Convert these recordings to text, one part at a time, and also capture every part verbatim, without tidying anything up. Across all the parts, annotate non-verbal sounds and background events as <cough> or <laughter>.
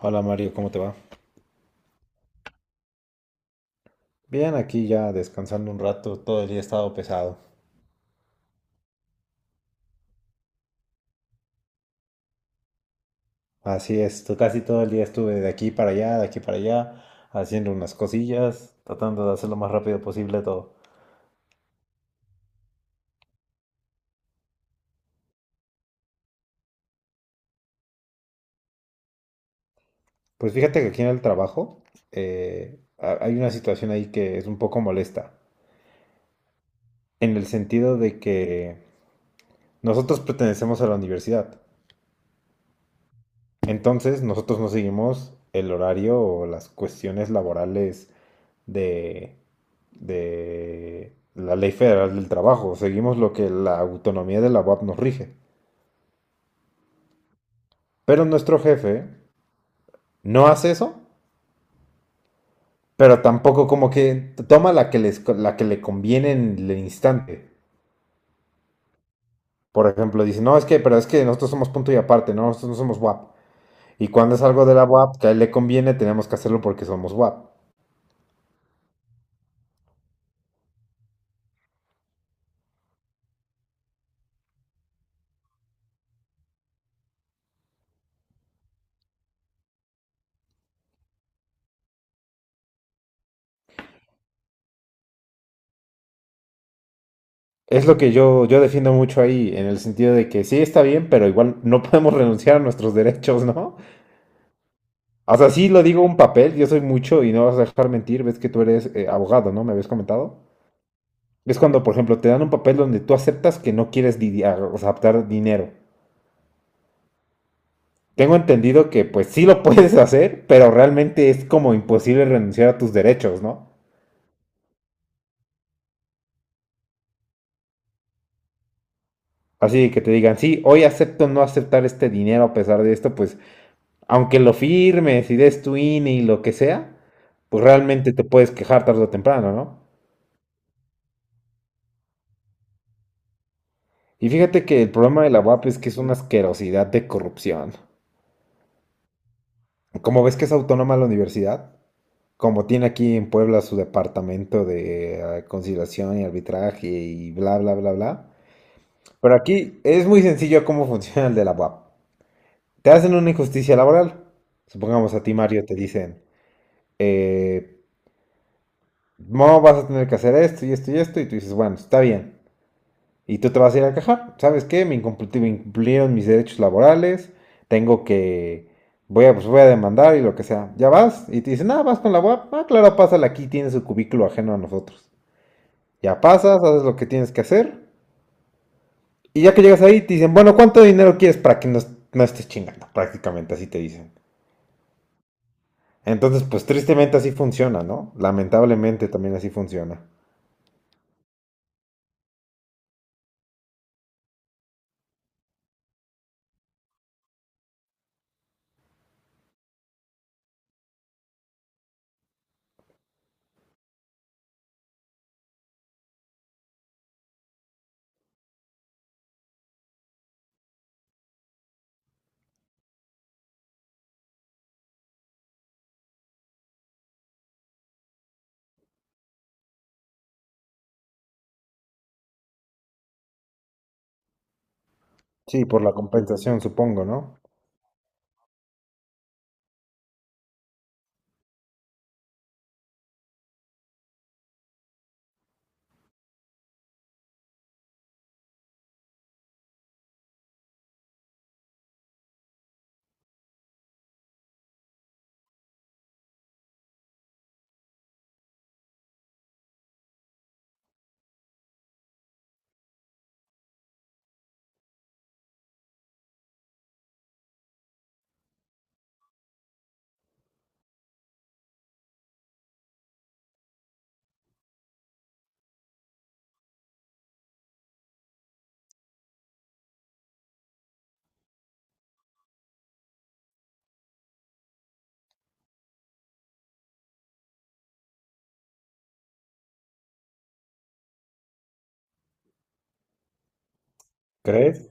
Hola Mario, ¿cómo te va? Bien, aquí ya descansando un rato, todo el día he estado pesado. Así es, to- casi todo el día estuve de aquí para allá, de aquí para allá, haciendo unas cosillas, tratando de hacer lo más rápido posible todo. Pues fíjate que aquí en el trabajo eh, ha- hay una situación ahí que es un poco molesta, en el sentido de que nosotros pertenecemos a la universidad, entonces nosotros no seguimos el horario o las cuestiones laborales de, de la Ley Federal del Trabajo, seguimos lo que la autonomía de la U A P nos rige. Pero nuestro jefe no hace eso, pero tampoco como que toma la que, les, la que le conviene en el instante. Por ejemplo, dice, no, es que, pero es que nosotros somos punto y aparte, ¿no? Nosotros no somos W A P. Y cuando es algo de la W A P que a él le conviene, tenemos que hacerlo porque somos W A P. Es lo que yo, yo defiendo mucho ahí, en el sentido de que sí está bien, pero igual no <laughs> podemos renunciar a nuestros derechos, ¿no? O sea, sí lo digo un papel, yo soy mucho y no vas a dejar mentir, ves que tú eres eh, abogado, ¿no? ¿Me habías comentado? Es cuando, por ejemplo, te dan un papel donde tú aceptas que no quieres lidiar, o sea, aceptar dinero. Tengo entendido que pues sí lo <laughs> puedes hacer, pero realmente es como imposible renunciar a tus derechos, ¿no? Así que te digan, sí, hoy acepto no aceptar este dinero a pesar de esto, pues aunque lo firmes y des tu I N E y lo que sea, pues realmente te puedes quejar tarde o temprano, ¿no? Y fíjate que el problema de la U A P es que es una asquerosidad de corrupción. Como ves que es autónoma la universidad, como tiene aquí en Puebla su departamento de eh, conciliación y arbitraje y bla, bla, bla, bla. Pero aquí es muy sencillo cómo funciona el de la U A P. Te hacen una injusticia laboral. Supongamos a ti, Mario, te dicen, eh, no vas a tener que hacer esto y esto y esto, y tú dices, bueno, está bien. Y tú te vas a ir a quejar. ¿Sabes qué? Me, incumpl- me incumplieron mis derechos laborales. Tengo que. Voy a, pues voy a demandar y lo que sea. Ya vas. Y te dicen, ah, vas con la U A P. Ah, claro, pásala aquí. Tiene su cubículo ajeno a nosotros. Ya pasas, haces lo que tienes que hacer. Y ya que llegas ahí, te dicen, bueno, ¿cuánto dinero quieres para que no, est- no estés chingando? Prácticamente así te dicen. Entonces, pues tristemente así funciona, ¿no? Lamentablemente también así funciona. Sí, por la compensación, supongo, ¿no? ¿Crees?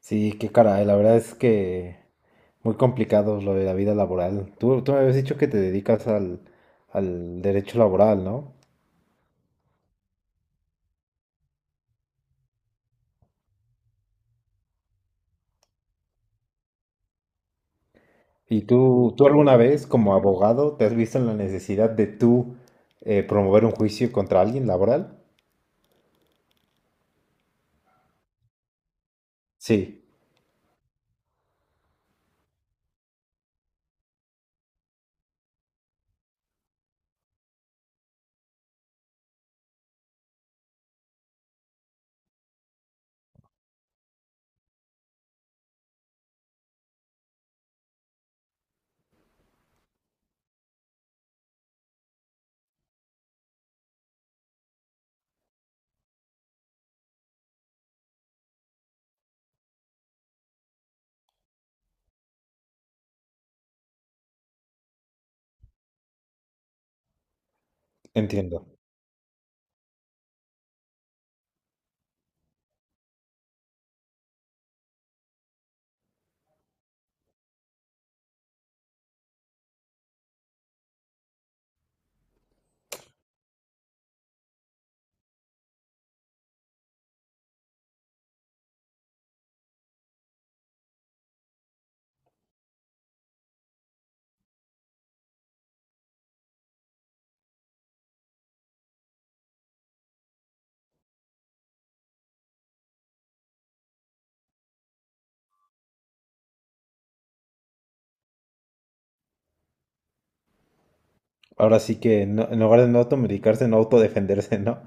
Sí, qué caray, la verdad es que muy complicado lo de la vida laboral. Tú, tú me habías dicho que te dedicas al, al derecho laboral, ¿no? ¿Y tú, tú alguna vez como abogado te has visto en la necesidad de tú eh, promover un juicio contra alguien laboral? Sí, entiendo. Ahora sí que no- en lugar de no automedicarse, no autodefenderse, ¿no?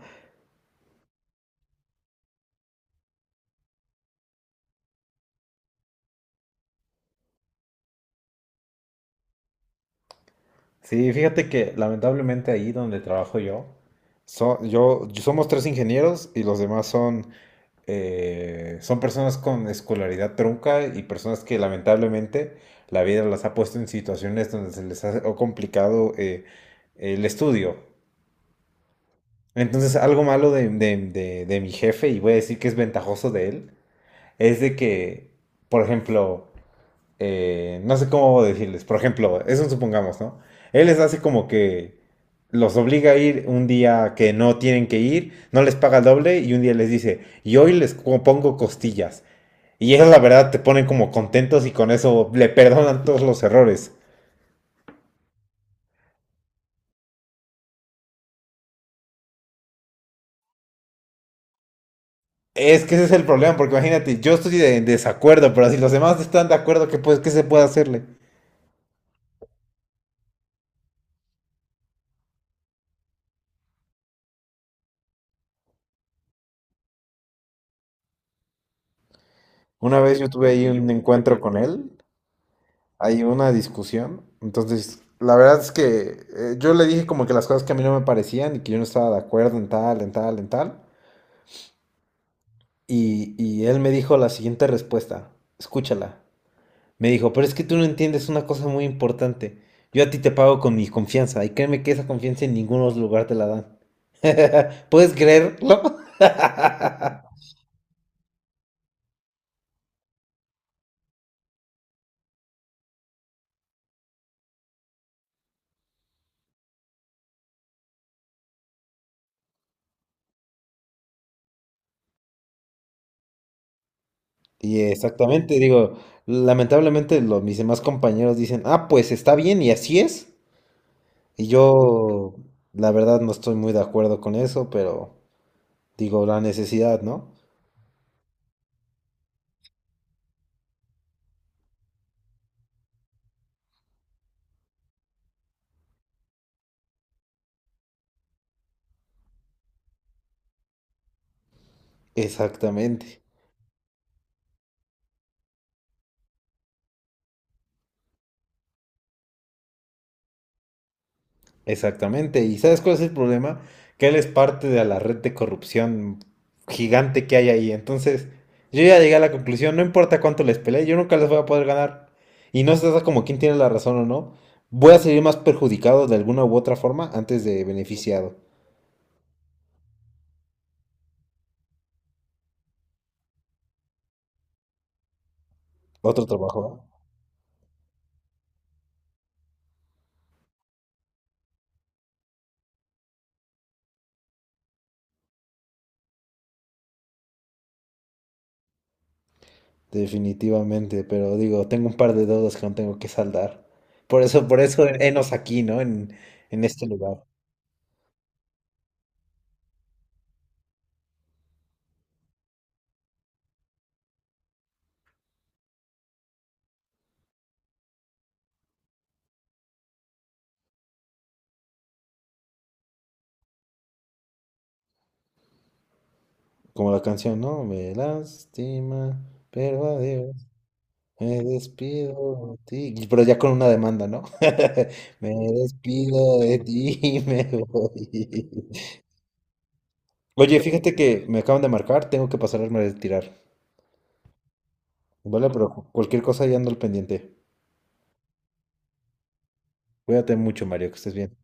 Sí, fíjate que lamentablemente ahí donde trabajo yo, so- yo somos tres ingenieros y los demás son, eh, son personas con escolaridad trunca y personas que lamentablemente la vida las ha puesto en situaciones donde se les ha complicado eh, el estudio. Entonces, algo malo de, de- de- de mi jefe, y voy a decir que es ventajoso de él, es de que, por ejemplo, eh, no sé cómo decirles, por ejemplo, eso supongamos, ¿no? Él les hace como que los obliga a ir un día que no tienen que ir, no les paga el doble y un día les dice, y hoy les co- pongo costillas. Y eso la verdad te ponen como contentos y con eso le perdonan todos los errores. Es que ese es el problema, porque imagínate, yo estoy de- en desacuerdo, pero si los demás están de acuerdo, ¿qué, pues, qué se puede hacerle? Una vez yo tuve ahí un encuentro con él hay una discusión. Entonces, la verdad es que eh, yo le dije como que las cosas que a mí no me parecían y que yo no estaba de acuerdo en tal, en tal, en tal. Y, y él me dijo la siguiente respuesta. Escúchala. Me dijo, pero es que tú no entiendes una cosa muy importante. Yo a ti te pago con mi confianza y créeme que esa confianza en ningún otro lugar te la dan. <laughs> ¿Puedes creerlo? <laughs> Y exactamente, digo, lamentablemente los, mis demás compañeros dicen, ah, pues está bien y así es. Y yo, la verdad, no estoy muy de acuerdo con eso, pero digo, la necesidad, ¿no? Exactamente, exactamente. ¿Y sabes cuál es el problema? Que él es parte de la red de corrupción gigante que hay ahí. Entonces, yo ya llegué a la conclusión, no importa cuánto les pelee, yo nunca les voy a poder ganar. Y no se trata como quién tiene la razón o no. Voy a salir más perjudicado de alguna u otra forma antes de beneficiado. Otro trabajo. ¿Eh? Definitivamente, pero digo, tengo un par de deudas que no tengo que saldar. Por eso, por eso, enos aquí, ¿no? En, en este lugar. Como la canción, ¿no? Me lastima, pero adiós, me despido de ti. Y- pero ya con una demanda, ¿no? <laughs> Me despido de ti y me voy. Oye, fíjate que me acaban de marcar, tengo que pasarme a retirar. Vale, pero cu- cualquier cosa ya ando al pendiente. Cuídate mucho, Mario, que estés bien.